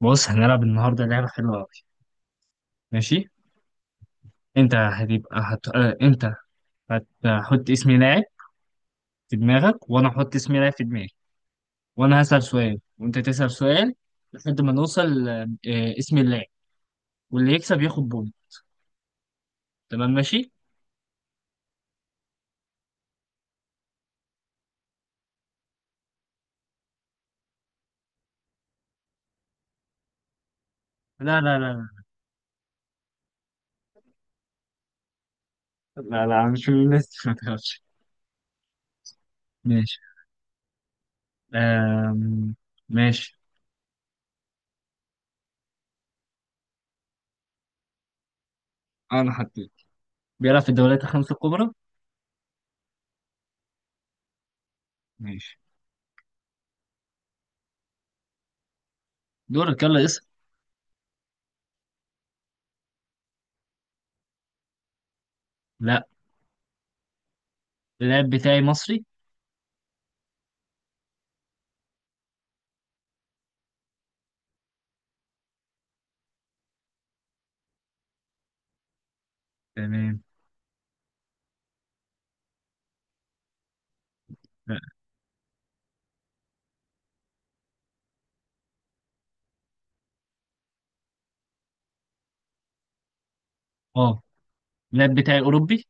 بص، هنلعب النهارده لعبة حلوة أوي. ماشي. أنت هتبقى هت... آه، أنت هتحط اسم لاعب في دماغك، وأنا هحط اسم لاعب في دماغي. وأنا هسأل سؤال وأنت تسأل سؤال لحد ما نوصل اسم اللاعب، واللي يكسب ياخد بونت. تمام، ماشي؟ لا لا لا لا. لا لا، مش من الناس. ما تخافش. ماشي. آم... ماشي. أنا حطيت. بيلعب في الدوريات الخمسة الكبرى. ماشي. دورك، يلا اسأل. لا. اللاعب بتاعي مصري. تمام. لا. اه. اللاعب بتاعي أوروبي.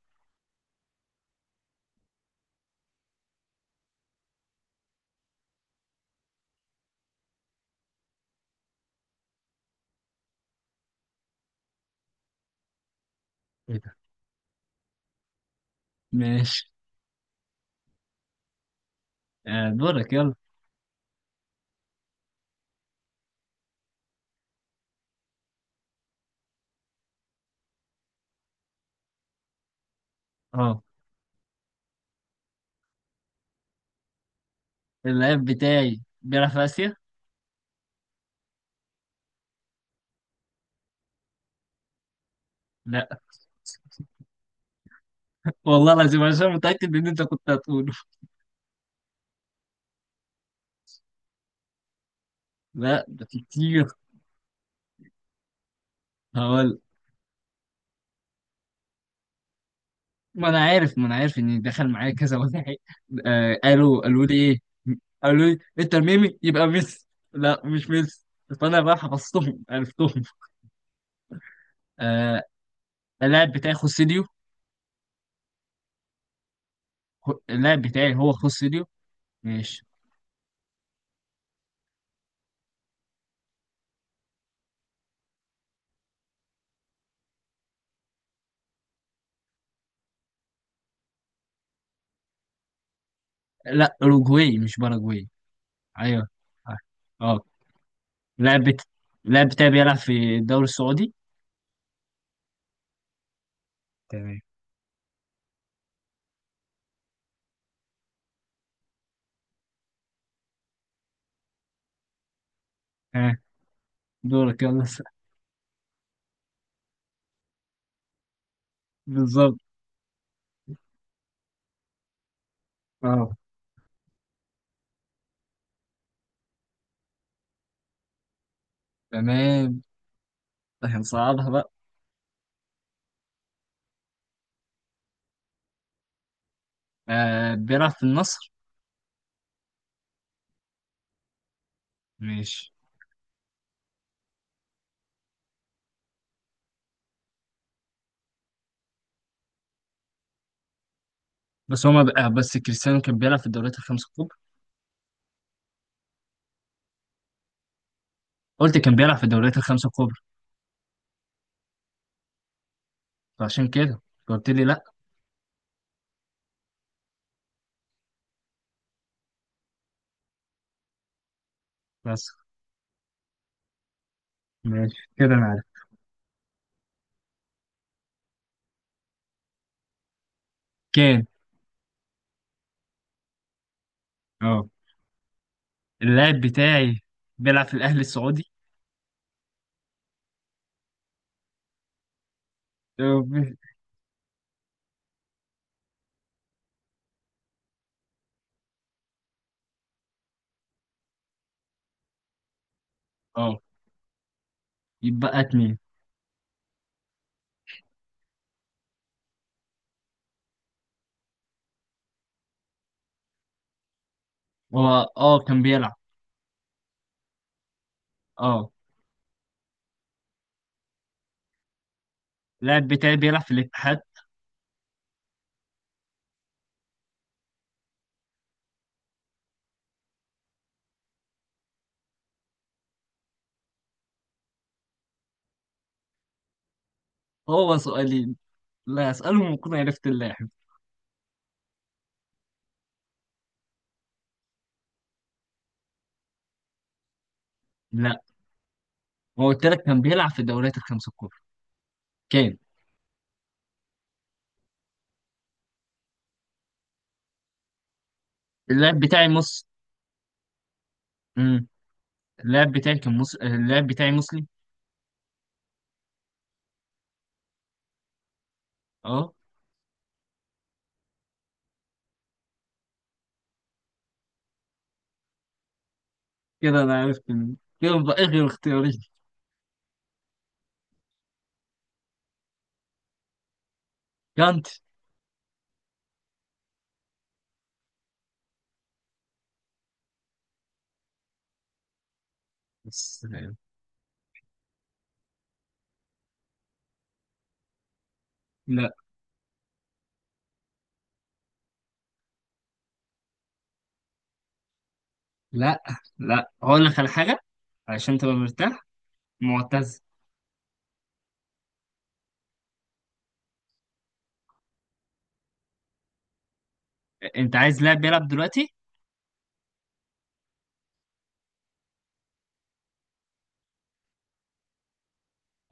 ماشي. دورك يلا. اه، اللعيب بتاعي بيلعب في آسيا؟ لا. والله العظيم، عشان متأكد إن أنت كنت هتقوله. لا، ده في كتير. هقول. ما أنا عارف ما أنا عارف إن دخل معايا كذا واحد. قالوا لي إيه؟ قالوا لي أنت ميمي يبقى ميسي. لا مش ميسي. فأنا بقى حفظتهم عرفتهم. آه اللاعب بتاعي خوسيليو. اللاعب بتاعي هو خوسيليو. ماشي. لا، أوروجواي مش باراجواي. أيوه. اه. آه. اللاعب بت... اللاعب بتاعي بيلعب في الدوري السعودي. تمام. ها، دورك يلا. بالظبط. اه، تمام. هنصعدها بقى. بيلعب في النصر. ماشي. بس هما بقى، بس كريستيانو كان بيلعب في الدوريات الخمسة الكبرى. قلت كان بيلعب في الدوريات الخمسة الكبرى. فعشان كده قلت لي لا. بس ماشي، كده انا عارف. كان. اه. اللاعب بتاعي بيلعب في الاهلي السعودي. اه. آه. يبقى اتنين. هو اه كان بيلعب. اه. اللاعب بتاعي بيلعب في الاتحاد. هو سؤالي. لا، اسألهم وأكون عرفت اللاعب. لا، هو قلت لك كان بيلعب في الدوريات الخمسة الكبرى. كان. اللاعب بتاعي مص امم اللاعب بتاعي مسلم. اه. كده انا عرفت مين. كده بقى إيه غير اختياري. كانت. بس. لا لا لا. هقول لك على حاجة علشان تبقى مرتاح. معتز. انت عايز لاعب بيلعب دلوقتي.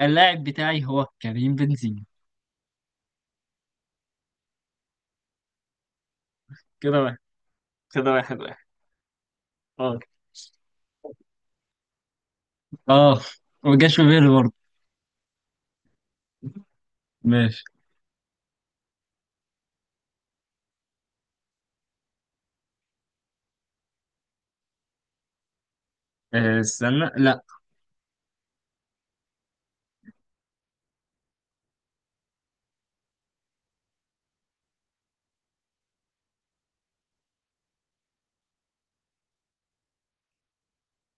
اللاعب بتاعي هو كريم بنزيما. كده واحد. كده واحد واحد. اه. اه. ما جاش في بالي برضه. ماشي. استنى لا.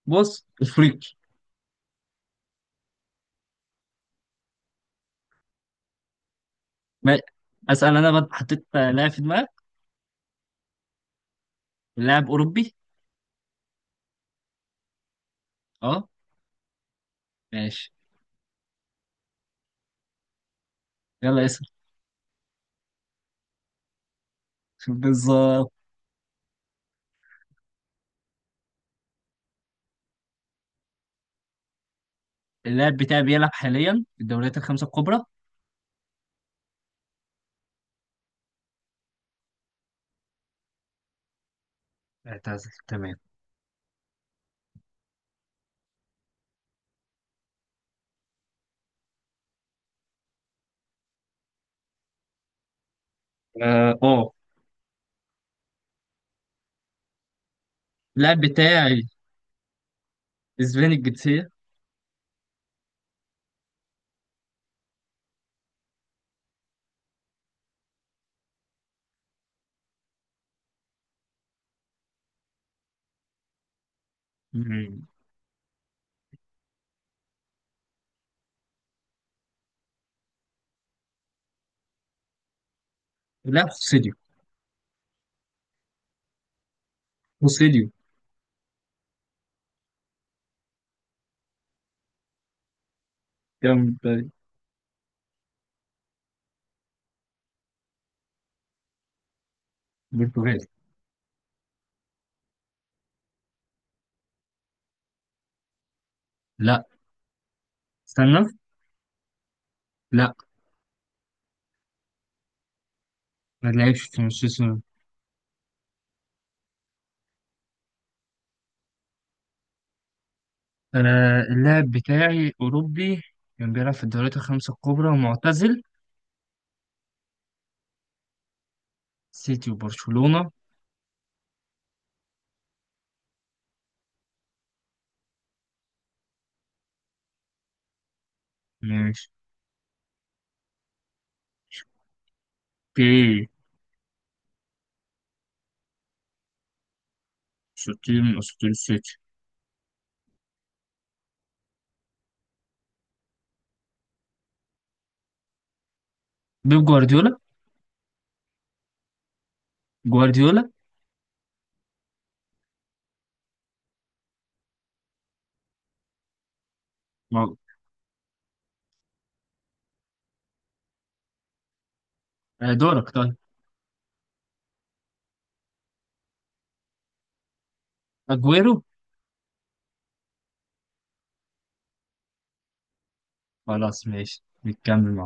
بص، افريقي. ما... اسال انا بقى حطيت لاعب في دماغك. لاعب اوروبي. اه. ماشي. يلا اسال. بالظبط. اللاعب بتاعي بيلعب حاليا في الدوريات الخمسه الكبرى. اعتزل، تمام. اه. آه. اللاعب بتاعي اسباني الجنسيه. مم. لا، خوسيليو. خوسيليو كان برتغالي. لا، استنى. لا، ما لعبش في مانشستر. اللاعب بتاعي أوروبي، كان بيلعب في الدوريات الخمسة الكبرى ومعتزل. سيتي وبرشلونة. ماشي. اوكي. اساطير من اساطير السيتي. بيب جوارديولا. جوارديولا. ما- دورك طيب. اجويرو. خلاص، ماشي نكمل مع